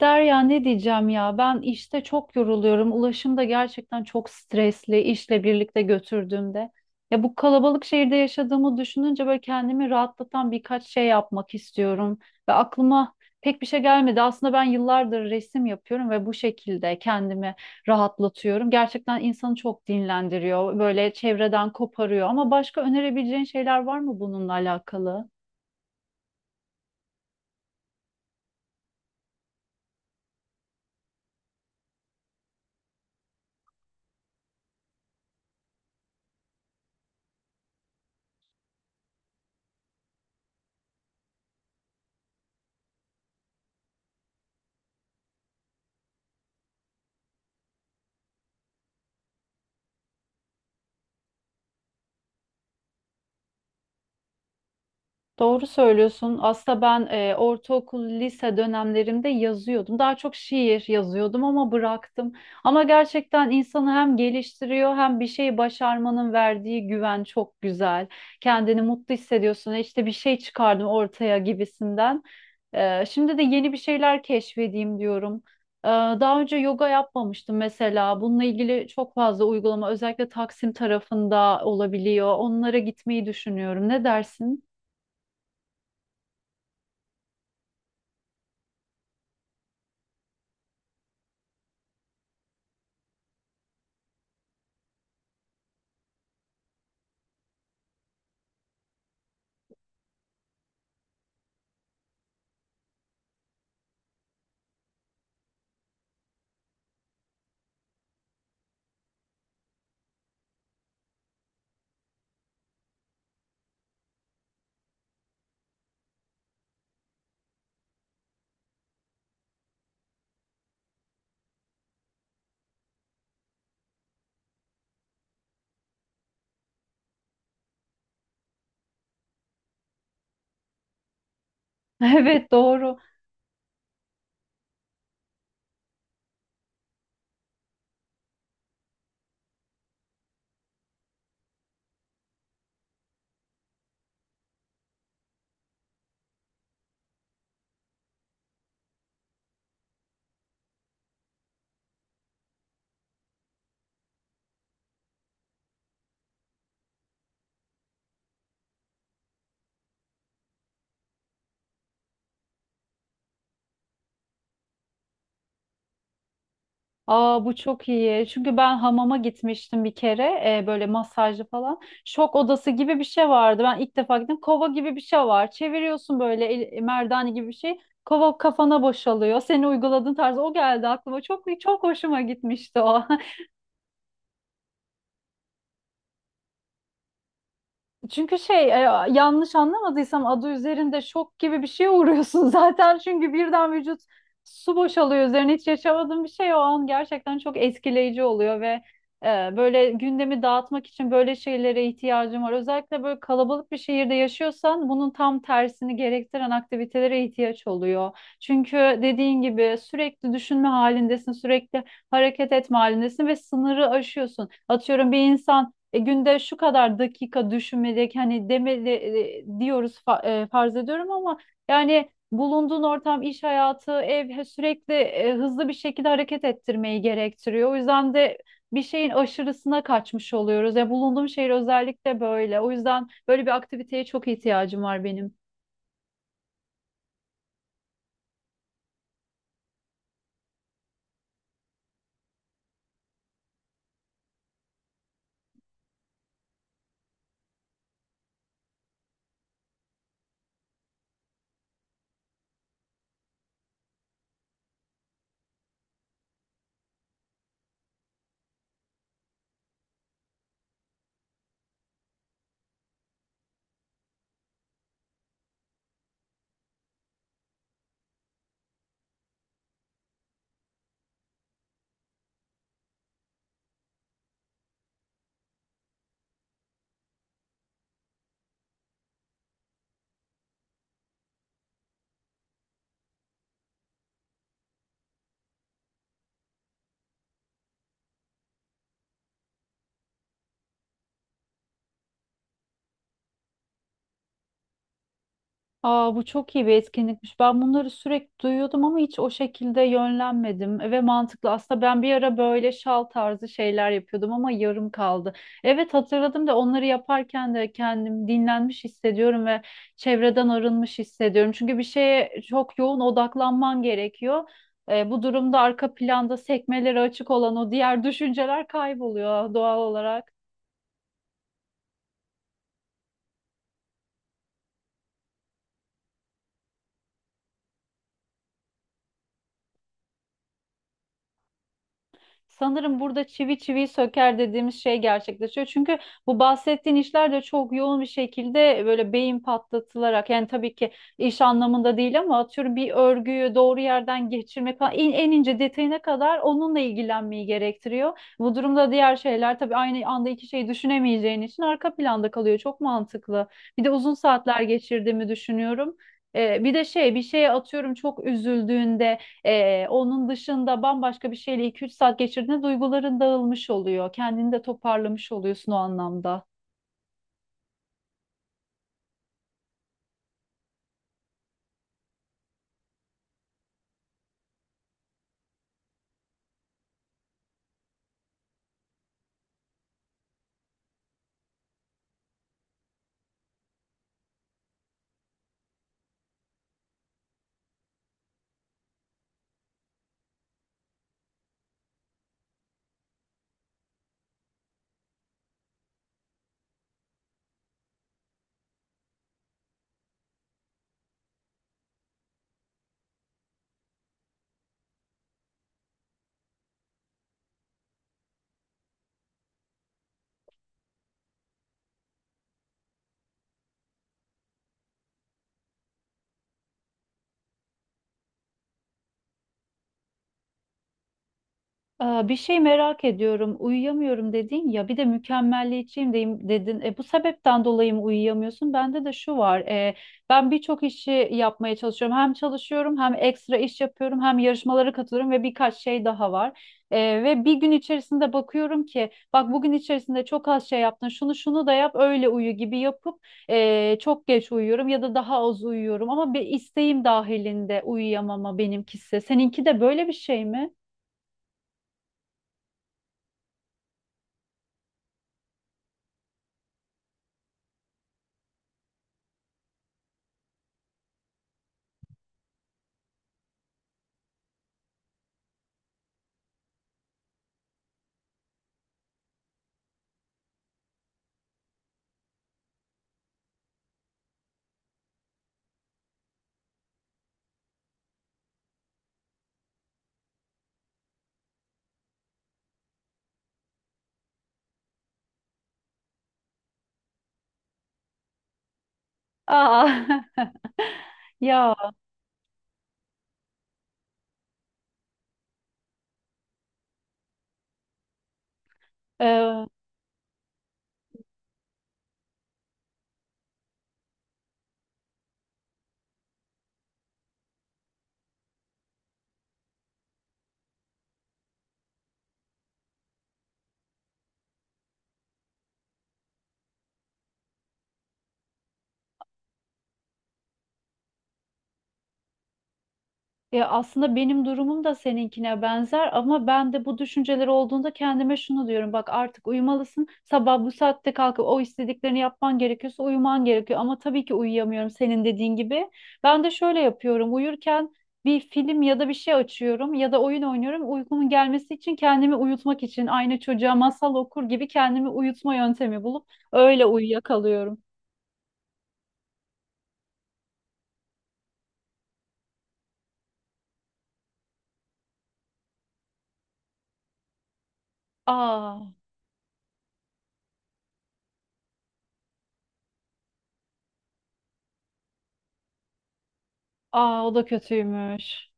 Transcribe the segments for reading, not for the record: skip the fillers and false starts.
Derya ne diyeceğim ya ben işte çok yoruluyorum. Ulaşım da gerçekten çok stresli işle birlikte götürdüğümde. Ya bu kalabalık şehirde yaşadığımı düşününce böyle kendimi rahatlatan birkaç şey yapmak istiyorum. Ve aklıma pek bir şey gelmedi. Aslında ben yıllardır resim yapıyorum ve bu şekilde kendimi rahatlatıyorum. Gerçekten insanı çok dinlendiriyor. Böyle çevreden koparıyor. Ama başka önerebileceğin şeyler var mı bununla alakalı? Doğru söylüyorsun. Aslında ben ortaokul, lise dönemlerimde yazıyordum. Daha çok şiir yazıyordum ama bıraktım. Ama gerçekten insanı hem geliştiriyor hem bir şeyi başarmanın verdiği güven çok güzel. Kendini mutlu hissediyorsun. E İşte bir şey çıkardım ortaya gibisinden. Şimdi de yeni bir şeyler keşfedeyim diyorum. Daha önce yoga yapmamıştım mesela. Bununla ilgili çok fazla uygulama özellikle Taksim tarafında olabiliyor. Onlara gitmeyi düşünüyorum. Ne dersin? Evet, doğru. Aa, bu çok iyi. Çünkü ben hamama gitmiştim bir kere, böyle masajlı falan. Şok odası gibi bir şey vardı. Ben ilk defa gittim. Kova gibi bir şey var. Çeviriyorsun böyle merdane gibi bir şey. Kova kafana boşalıyor. Seni uyguladığın tarz o geldi aklıma. Çok çok hoşuma gitmişti o. Çünkü yanlış anlamadıysam adı üzerinde şok gibi bir şeye uğruyorsun zaten. Çünkü birden vücut su boşalıyor üzerine, hiç yaşamadığın bir şey o an gerçekten çok etkileyici oluyor ve e, böyle gündemi dağıtmak için böyle şeylere ihtiyacım var. Özellikle böyle kalabalık bir şehirde yaşıyorsan bunun tam tersini gerektiren aktivitelere ihtiyaç oluyor. Çünkü dediğin gibi sürekli düşünme halindesin, sürekli hareket etme halindesin ve sınırı aşıyorsun. Atıyorum bir insan günde şu kadar dakika düşünmelik hani demeli diyoruz farz ediyorum ama yani bulunduğun ortam, iş hayatı, sürekli hızlı bir şekilde hareket ettirmeyi gerektiriyor. O yüzden de bir şeyin aşırısına kaçmış oluyoruz. Ya bulunduğum şehir özellikle böyle. O yüzden böyle bir aktiviteye çok ihtiyacım var benim. Aa, bu çok iyi bir etkinlikmiş. Ben bunları sürekli duyuyordum ama hiç o şekilde yönlenmedim ve mantıklı. Aslında ben bir ara böyle şal tarzı şeyler yapıyordum ama yarım kaldı. Evet, hatırladım da onları yaparken de kendim dinlenmiş hissediyorum ve çevreden arınmış hissediyorum. Çünkü bir şeye çok yoğun odaklanman gerekiyor. Bu durumda arka planda sekmeleri açık olan o diğer düşünceler kayboluyor doğal olarak. Sanırım burada çivi çiviyi söker dediğimiz şey gerçekleşiyor. Çünkü bu bahsettiğin işler de çok yoğun bir şekilde böyle beyin patlatılarak, yani tabii ki iş anlamında değil, ama atıyorum bir örgüyü doğru yerden geçirmek falan en, en ince detayına kadar onunla ilgilenmeyi gerektiriyor. Bu durumda diğer şeyler tabii aynı anda iki şeyi düşünemeyeceğin için arka planda kalıyor. Çok mantıklı. Bir de uzun saatler geçirdiğimi düşünüyorum. Bir de bir şeye atıyorum çok üzüldüğünde, onun dışında bambaşka bir şeyle iki üç saat geçirdiğinde duyguların dağılmış oluyor. Kendini de toparlamış oluyorsun o anlamda. Aa, bir şey merak ediyorum. Uyuyamıyorum dedin ya. Bir de mükemmelliyetçiyim deyim dedin. E, bu sebepten dolayı mı uyuyamıyorsun? Bende de şu var. Ben birçok işi yapmaya çalışıyorum. Hem çalışıyorum, hem ekstra iş yapıyorum, hem yarışmalara katılıyorum ve birkaç şey daha var. Ve bir gün içerisinde bakıyorum ki, bak bugün içerisinde çok az şey yaptın. Şunu şunu da yap, öyle uyu gibi yapıp çok geç uyuyorum ya da daha az uyuyorum. Ama bir isteğim dahilinde uyuyamama benimkisi. Seninki de böyle bir şey mi? Aa. Ya, e, ya aslında benim durumum da seninkine benzer ama ben de bu düşünceler olduğunda kendime şunu diyorum. Bak artık uyumalısın. Sabah bu saatte kalkıp o istediklerini yapman gerekiyorsa uyuman gerekiyor. Ama tabii ki uyuyamıyorum senin dediğin gibi. Ben de şöyle yapıyorum. Uyurken bir film ya da bir şey açıyorum ya da oyun oynuyorum. Uykumun gelmesi için, kendimi uyutmak için, aynı çocuğa masal okur gibi kendimi uyutma yöntemi bulup öyle uyuyakalıyorum. Aa, aa, o da kötüymüş.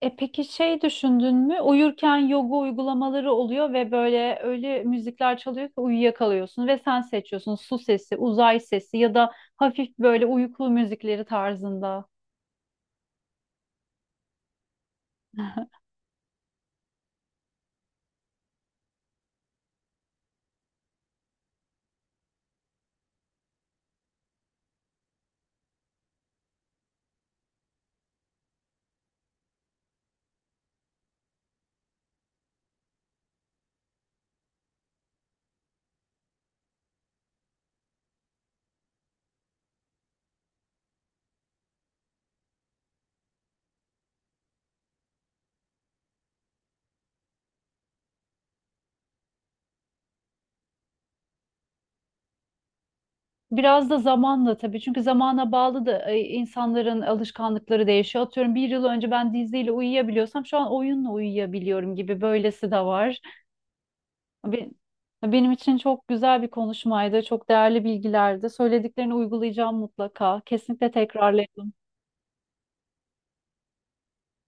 E peki şey düşündün mü? Uyurken yoga uygulamaları oluyor ve böyle öyle müzikler çalıyor ki uyuyakalıyorsun ve sen seçiyorsun: su sesi, uzay sesi ya da hafif böyle uykulu müzikleri tarzında. Biraz da zamanla tabii, çünkü zamana bağlı da insanların alışkanlıkları değişiyor. Atıyorum bir yıl önce ben diziyle uyuyabiliyorsam şu an oyunla uyuyabiliyorum gibi, böylesi de var. Be- Benim için çok güzel bir konuşmaydı, çok değerli bilgilerdi. Söylediklerini uygulayacağım mutlaka. Kesinlikle tekrarlayalım.